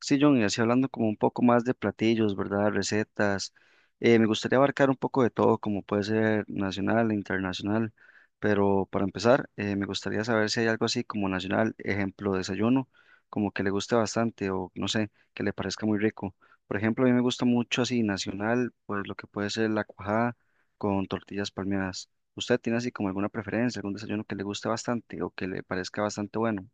Sí, John, y así hablando como un poco más de platillos, ¿verdad? Recetas. Me gustaría abarcar un poco de todo, como puede ser nacional e internacional, pero para empezar, me gustaría saber si hay algo así como nacional, ejemplo, desayuno, como que le guste bastante o no sé, que le parezca muy rico. Por ejemplo, a mí me gusta mucho así nacional, pues lo que puede ser la cuajada con tortillas palmeadas. ¿Usted tiene así como alguna preferencia, algún desayuno que le guste bastante o que le parezca bastante bueno?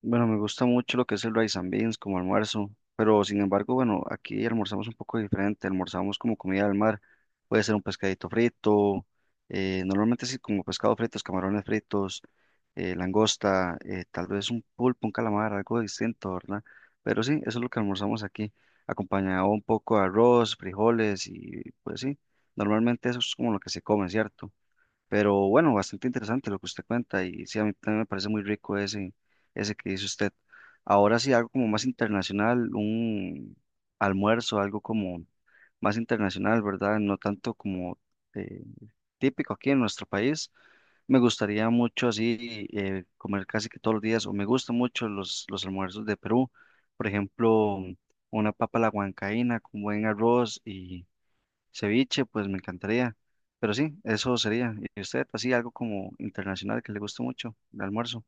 Bueno, me gusta mucho lo que es el rice and beans como almuerzo, pero sin embargo, bueno, aquí almorzamos un poco diferente, almorzamos como comida del mar, puede ser un pescadito frito, normalmente sí como pescado fritos, camarones fritos, langosta, tal vez un pulpo, un calamar, algo distinto, ¿verdad? Pero sí, eso es lo que almorzamos aquí, acompañado un poco de arroz, frijoles y pues sí, normalmente eso es como lo que se come, ¿cierto? Pero bueno, bastante interesante lo que usted cuenta y sí, a mí también me parece muy rico ese, ese que dice usted. Ahora sí, algo como más internacional, un almuerzo, algo como más internacional, ¿verdad? No tanto como eh, típico aquí en nuestro país. Me gustaría mucho así comer casi que todos los días o me gustan mucho los almuerzos de Perú. Por ejemplo, una papa a la huancaína con buen arroz. Ceviche, pues me encantaría. Pero sí, eso sería. ¿Y usted, así algo como internacional que le guste mucho, de almuerzo?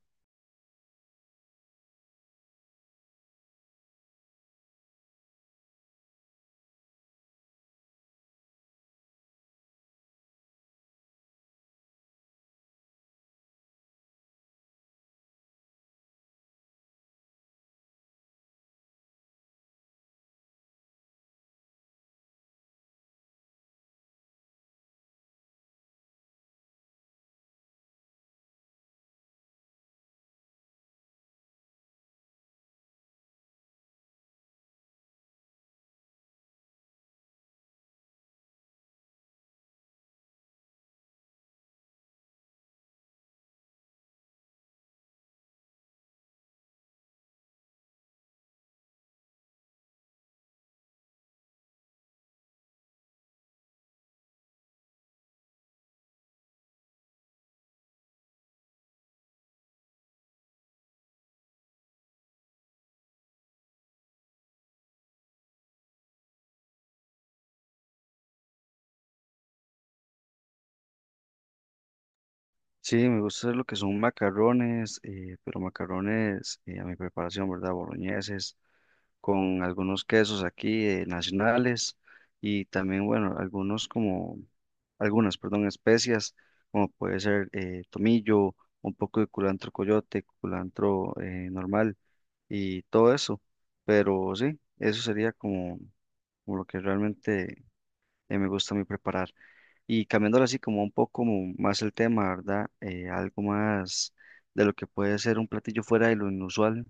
Sí, me gusta hacer lo que son macarrones, pero macarrones a mi preparación, ¿verdad? Boloñeses, con algunos quesos aquí nacionales y también, bueno, algunas, perdón, especias, como puede ser tomillo, un poco de culantro coyote, culantro normal y todo eso. Pero sí, eso sería como. Como lo que realmente me gusta a mí preparar. Y cambiándolo así como un poco más el tema, ¿verdad? Algo más de lo que puede ser un platillo fuera de lo inusual,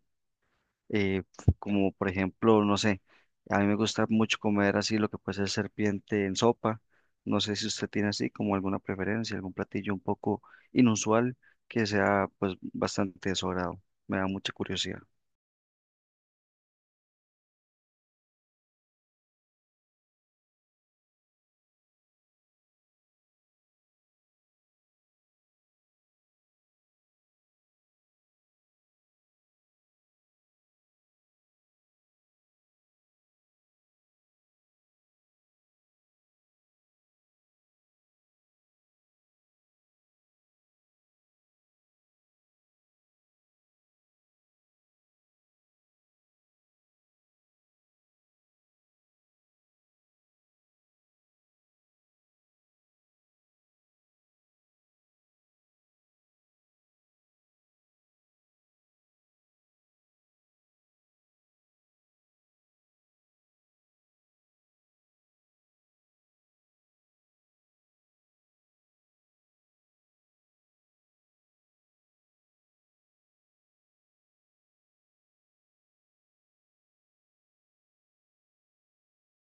eh, como por ejemplo, no sé, a mí me gusta mucho comer así lo que puede ser serpiente en sopa. No sé si usted tiene así como alguna preferencia, algún platillo un poco inusual que sea pues bastante de su agrado. Me da mucha curiosidad.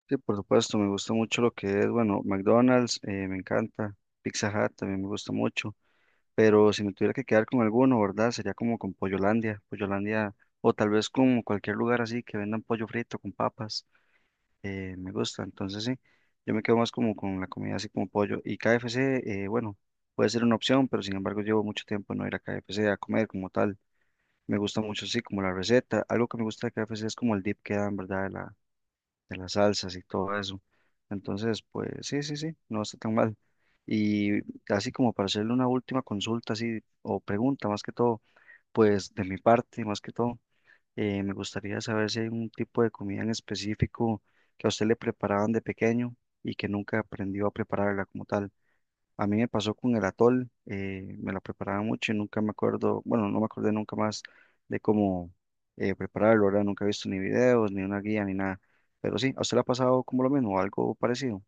Sí, por supuesto, me gusta mucho lo que es, bueno, McDonald's, me encanta, Pizza Hut también me gusta mucho, pero si me tuviera que quedar con alguno, ¿verdad? Sería como con Pollolandia, Pollolandia, o tal vez con cualquier lugar así que vendan pollo frito con papas, me gusta, entonces sí, yo me quedo más como con la comida así como pollo, y KFC, bueno, puede ser una opción, pero sin embargo llevo mucho tiempo no ir a KFC a comer como tal, me gusta mucho así como la receta, algo que me gusta de KFC es como el dip que dan, ¿verdad? De las salsas y todo eso. Entonces, pues sí, no está tan mal. Y así como para hacerle una última consulta, así, o pregunta más que todo, pues de mi parte, más que todo, me gustaría saber si hay un tipo de comida en específico que a usted le preparaban de pequeño y que nunca aprendió a prepararla como tal. A mí me pasó con el atol, me lo preparaba mucho y nunca me acuerdo, bueno, no me acordé nunca más de cómo prepararlo, ¿verdad? Nunca he visto ni videos, ni una guía, ni nada. Pero sí, ¿a usted le ha pasado como lo mismo, o algo parecido?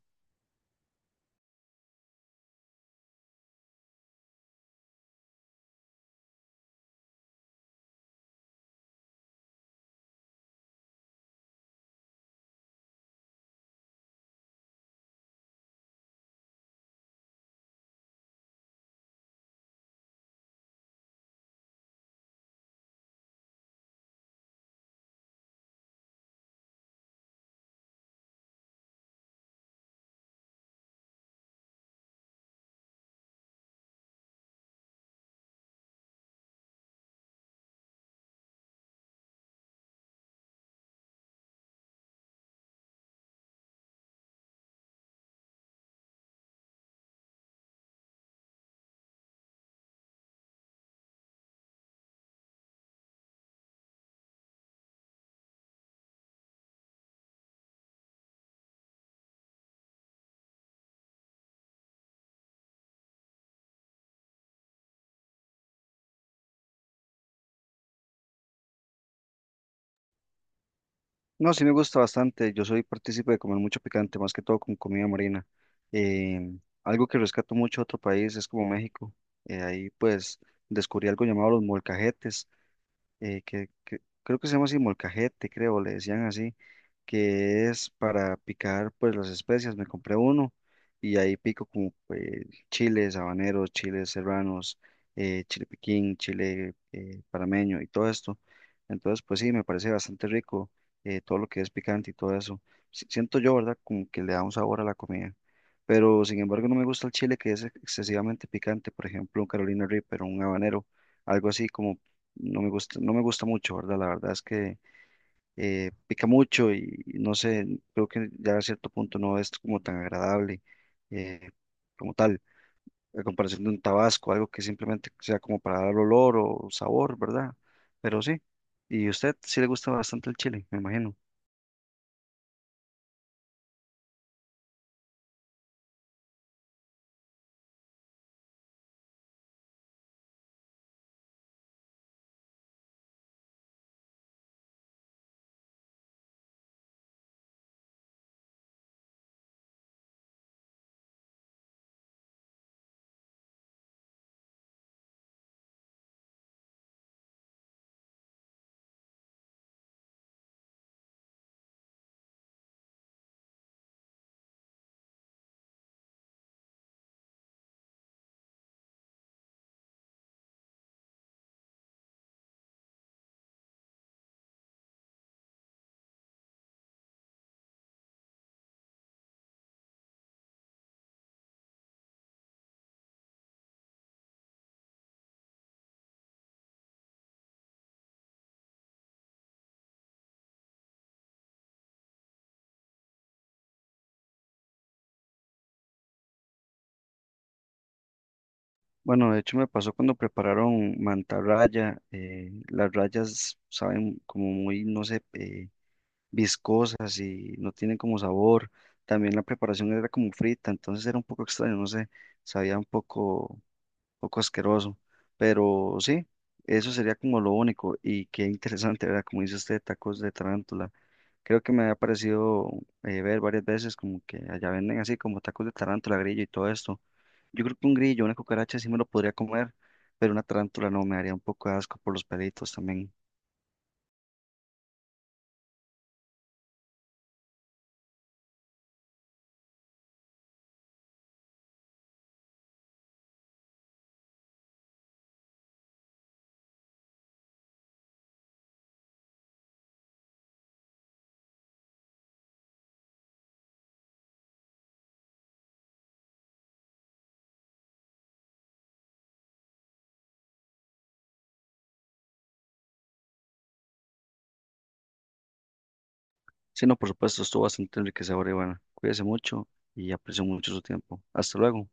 No, sí me gusta bastante, yo soy partícipe de comer mucho picante, más que todo con comida marina. Eh, Algo que rescato mucho de otro país es como México. Ahí pues descubrí algo llamado los molcajetes, que creo que se llama así molcajete, creo, le decían así que es para picar pues las especias, me compré uno y ahí pico como pues, chiles habaneros, chiles serranos, chile piquín, chile panameño y todo esto. Entonces pues sí, me parece bastante rico todo lo que es picante y todo eso. Siento yo, ¿verdad? Como que le da un sabor a la comida. Pero sin embargo no me gusta el chile que es excesivamente picante, por ejemplo un Carolina Reaper o un habanero, algo así como no me gusta, no me gusta mucho, ¿verdad? La verdad es que pica mucho y no sé, creo que ya a cierto punto no es como tan agradable eh, como tal, a comparación de un tabasco, algo que simplemente sea como para dar olor o sabor, ¿verdad? Pero sí, y a usted sí le gusta bastante el chile, me imagino. Bueno, de hecho me pasó cuando prepararon mantarraya, las rayas saben como muy, no sé, viscosas y no tienen como sabor. También la preparación era como frita, entonces era un poco extraño, no sé, sabía un poco asqueroso, pero sí, eso sería como lo único y qué interesante, ¿verdad? Como dice usted, tacos de tarántula. Creo que me ha parecido ver varias veces como que allá venden así como tacos de tarántula, grillo y todo esto. Yo creo que un grillo, una cucaracha sí me lo podría comer, pero una tarántula no, me haría un poco de asco por los pelitos también. Sí, no, por supuesto, estuvo bastante enriquecedor y bueno, cuídese mucho y aprecio mucho su tiempo. Hasta luego.